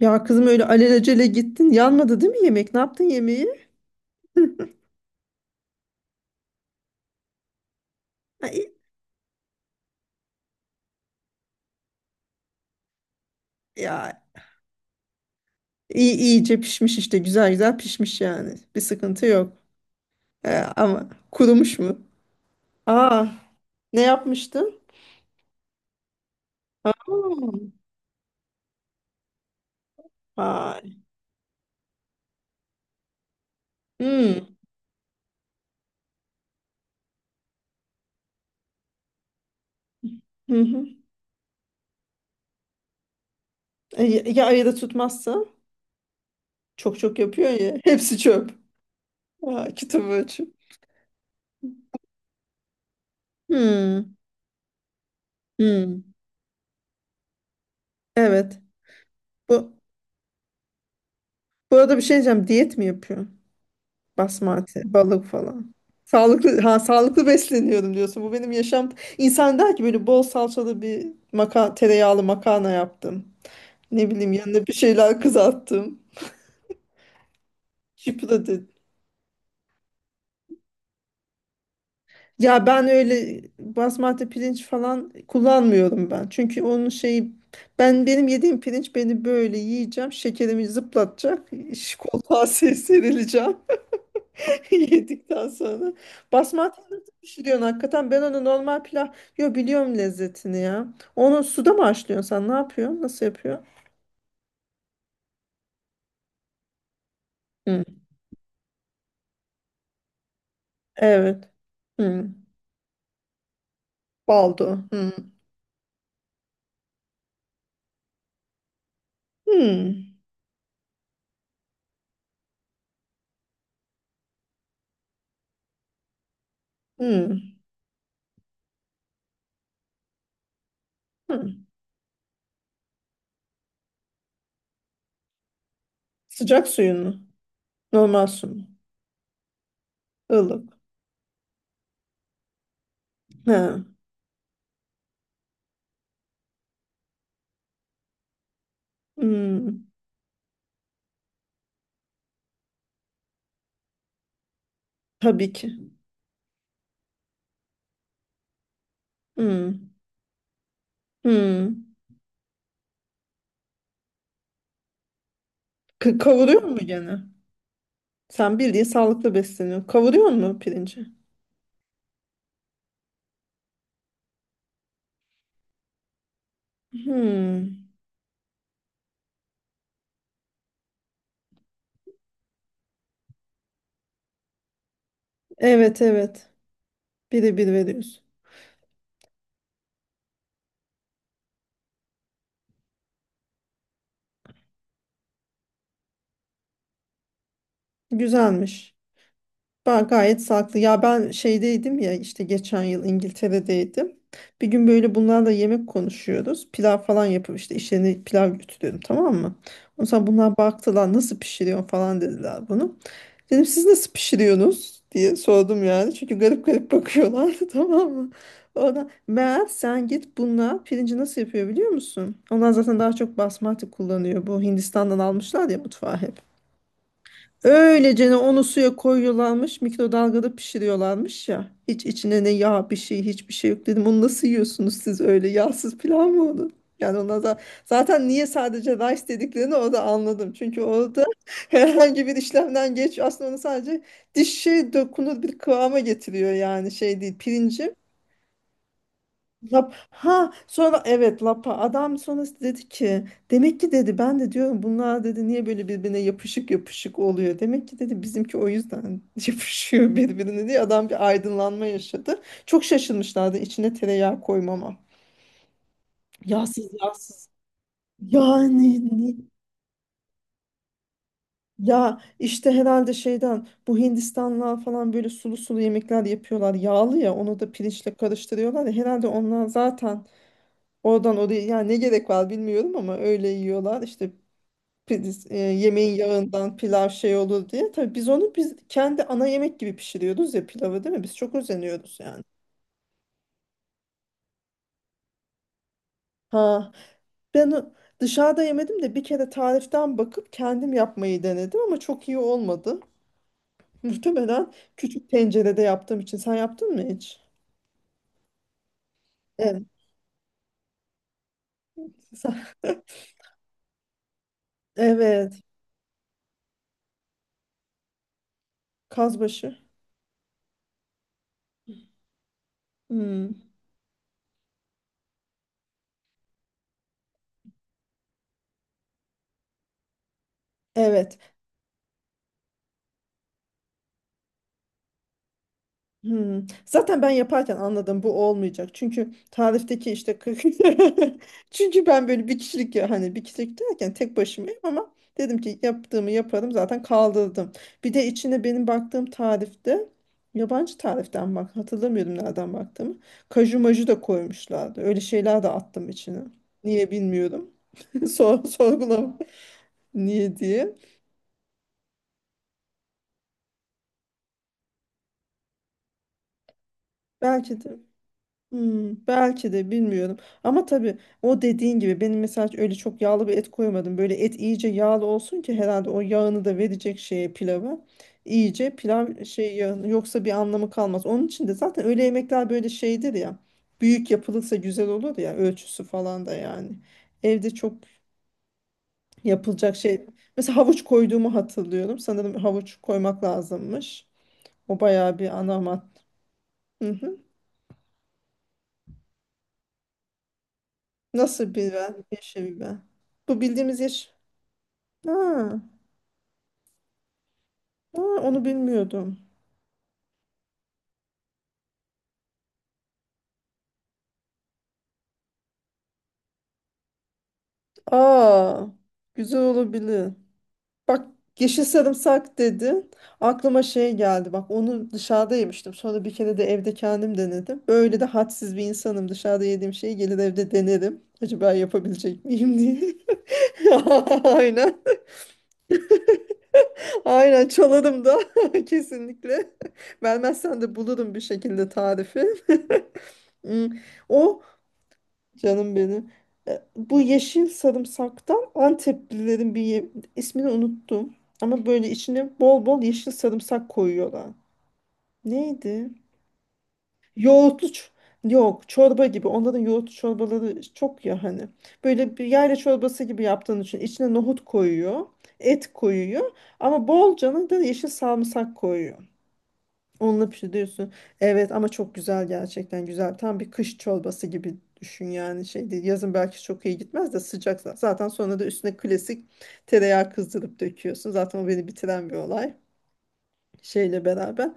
Ya kızım öyle alelacele gittin. Yanmadı değil mi yemek? Ne yaptın yemeği? Ay, ya iyice pişmiş işte. Güzel güzel pişmiş yani. Bir sıkıntı yok. Ama kurumuş mu? Aa, ne yapmıştın? Hmm. Vay. Hmm. Hı hı. Ya ayıda tutmazsa? Çok çok yapıyor ya. Hepsi çöp. Aa, kitabı açıp. Hmm. Hmm. Evet. Bu, bu arada bir şey diyeceğim. Diyet mi yapıyor? Basmati, balık falan. Sağlıklı ha, sağlıklı besleniyorum diyorsun. Bu benim yaşam. İnsan der ki böyle bol salçalı bir tereyağlı makarna yaptım. Ne bileyim, yanına bir şeyler kızarttım. Şıpradı. Ya ben öyle basmati pirinç falan kullanmıyorum ben. Çünkü onun şeyi benim yediğim pirinç beni böyle yiyeceğim. Şekerimi zıplatacak. Koltuğa serileceğim. Yedikten sonra. Basmati nasıl pişiriyorsun hakikaten? Ben onu normal pilav... Yo, biliyorum lezzetini ya. Onu suda mı haşlıyorsun sen? Ne yapıyorsun? Nasıl yapıyorsun? Hı. Evet. Hı. Baldo. Hı. Hı. Hı. Hı. Sıcak suyun mu? Normal su mu? Ilık. Ha. Hı. Tabii ki. Hı. Hı. Kavuruyor mu gene? Sen bildiğin sağlıklı besleniyorsun. Kavuruyor mu pirinci? Hı. Evet, evet. Biri bir veriyorsun. Güzelmiş. Ben gayet sağlıklı. Ya ben şeydeydim ya, işte geçen yıl İngiltere'deydim. Bir gün böyle bunlarla yemek konuşuyoruz. Pilav falan yapıp işte işlerine pilav götürüyorum, tamam mı? Ondan sonra bunlar baktılar, nasıl pişiriyorsun falan dediler bunu. Dedim siz nasıl pişiriyorsunuz diye sordum yani. Çünkü garip garip bakıyorlardı tamam mı? Ona meğer sen git bunlar, pirinci nasıl yapıyor biliyor musun? Onlar zaten daha çok basmati kullanıyor. Bu Hindistan'dan almışlar ya mutfağı hep. Öylecene onu suya koyuyorlarmış, mikrodalgada pişiriyorlarmış ya. Hiç içine ne yağ bir şey, hiçbir şey yok dedim. Onu nasıl yiyorsunuz siz, öyle yağsız pilav mı olur? Yani ona da zaten niye sadece rice dediklerini orada anladım. Çünkü orada herhangi bir işlemden geç aslında, onu sadece dişe dokunur bir kıvama getiriyor yani, şey değil. Pirinci lap ha, sonra evet, lapa adam sonra dedi ki demek ki, dedi, ben de diyorum bunlar, dedi, niye böyle birbirine yapışık yapışık oluyor, demek ki dedi bizimki o yüzden yapışıyor birbirine diye adam bir aydınlanma yaşadı. Çok şaşırmışlardı içine tereyağı koymama. Yağsız yağsız yani, ni- ya işte herhalde şeyden, bu Hindistanlılar falan böyle sulu sulu yemekler yapıyorlar yağlı ya, onu da pirinçle karıştırıyorlar ya herhalde onlar zaten. Oradan oraya yani, ne gerek var bilmiyorum ama öyle yiyorlar. İşte yemeğin yağından pilav şey olur diye. Tabii biz onu kendi ana yemek gibi pişiriyoruz ya pilavı, değil mi? Biz çok özeniyoruz yani. Ha ben o- dışarıda yemedim de bir kere tariften bakıp kendim yapmayı denedim ama çok iyi olmadı. Muhtemelen küçük tencerede yaptığım için. Sen yaptın mı hiç? Evet. Evet. Kazbaşı. Hmm. Evet. Hmm. Zaten ben yaparken anladım bu olmayacak. Çünkü tarifteki işte 40 çünkü ben böyle bir kişilik ya, hani bir kişilik derken tek başımayım ama dedim ki yaptığımı yaparım, zaten kaldırdım. Bir de içine benim baktığım tarifte, yabancı tariften bak, hatırlamıyorum nereden baktığımı. Kaju maju da koymuşlardı. Öyle şeyler de attım içine. Niye bilmiyorum. Sor, sorgulam niye diye. Belki de. Hmm, belki de bilmiyorum. Ama tabii o dediğin gibi benim mesela öyle çok yağlı bir et koymadım. Böyle et iyice yağlı olsun ki herhalde o yağını da verecek şeye, pilava. İyice pilav şey yağını, yoksa bir anlamı kalmaz. Onun için de zaten öyle yemekler böyle şeydir ya. Büyük yapılırsa güzel olur ya, ölçüsü falan da yani. Evde çok yapılacak şey. Mesela havuç koyduğumu hatırlıyorum. Sanırım havuç koymak lazımmış. O bayağı bir ana hı hı. Nasıl biber? Yeşil biber. Bu bildiğimiz yeşil. Ha, ha, onu bilmiyordum. Aa, güzel olabilir. Bak, yeşil sarımsak dedin. Aklıma şey geldi. Bak onu dışarıda yemiştim. Sonra bir kere de evde kendim denedim. Böyle de hadsiz bir insanım. Dışarıda yediğim şeyi gelir evde denerim. Acaba yapabilecek miyim diye. Aynen. Aynen çalarım da kesinlikle. Vermezsen de bulurum bir şekilde tarifi. Hmm. O canım benim. Bu yeşil sarımsaktan Anteplilerin bir ismini unuttum. Ama böyle içine bol bol yeşil sarımsak koyuyorlar. Neydi? Yoğurtlu ç- Yok, çorba gibi. Onların yoğurtlu çorbaları çok ya hani. Böyle bir yayla çorbası gibi yaptığın için içine nohut koyuyor. Et koyuyor. Ama bolcana da yeşil sarımsak koyuyor. Onunla pişiriyorsun. Evet, ama çok güzel, gerçekten güzel. Tam bir kış çorbası gibi düşün yani, şey değil. Yazın belki çok iyi gitmez de sıcak, zaten sonra da üstüne klasik tereyağı kızdırıp döküyorsun. Zaten o beni bitiren bir olay şeyle beraber.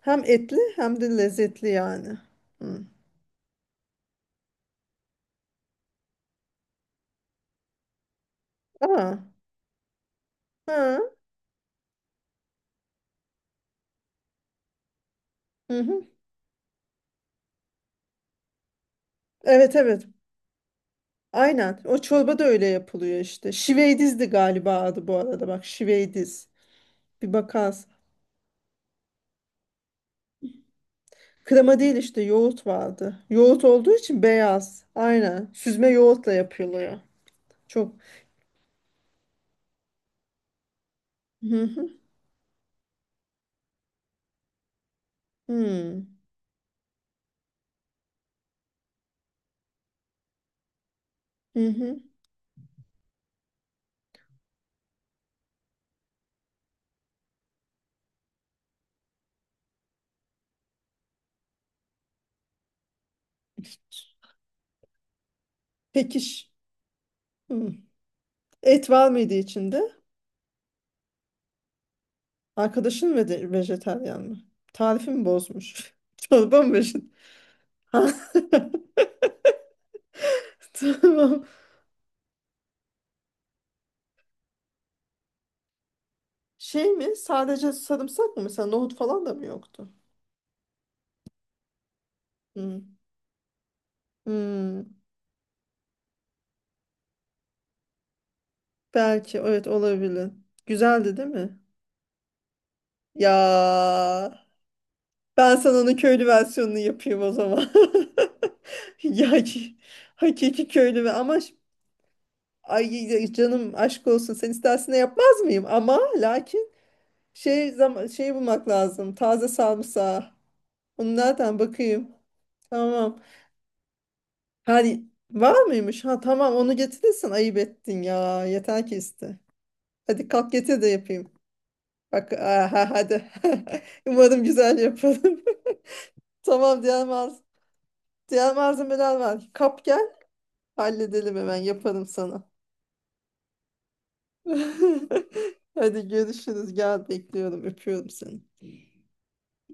Hem etli hem de lezzetli yani. Hı. Aa, ha, hı hı. Evet, evet. Aynen. O çorba da öyle yapılıyor işte. Şiveydiz de galiba adı, bu arada. Bak, şiveydiz. Bir bakarsın. Krema değil, işte yoğurt vardı. Yoğurt olduğu için beyaz. Aynen. Süzme yoğurtla yapılıyor. Çok. Hı hı. Hmm. Hı hı. Peki ş- hmm. Et var mıydı içinde? Arkadaşın ve de vejetaryen mi? Tarifi mi bozmuş? Çorba mı vejetaryen? Tamam. Şey mi? Sadece sarımsak mı? Mesela nohut falan da mı yoktu? Hı. Hmm. Belki, evet, olabilir. Güzeldi değil mi? Ya ben sana onun köylü versiyonunu yapayım o zaman. Ya ki- Hakiki köylü ve ay ya canım, aşk olsun, sen istersen de yapmaz mıyım? Ama lakin şey zaman şey bulmak lazım. Taze sarımsağı. Onu nereden bakayım? Tamam. Hadi, var mıymış? Ha tamam, onu getirirsen ayıp ettin ya. Yeter ki iste. Hadi kalk getir de yapayım. Bak aha, hadi. Umarım güzel yaparım. Tamam, diğer malzemeler var. Kap gel. Halledelim, hemen yaparım sana. Hadi görüşürüz. Gel, bekliyorum. Öpüyorum seni.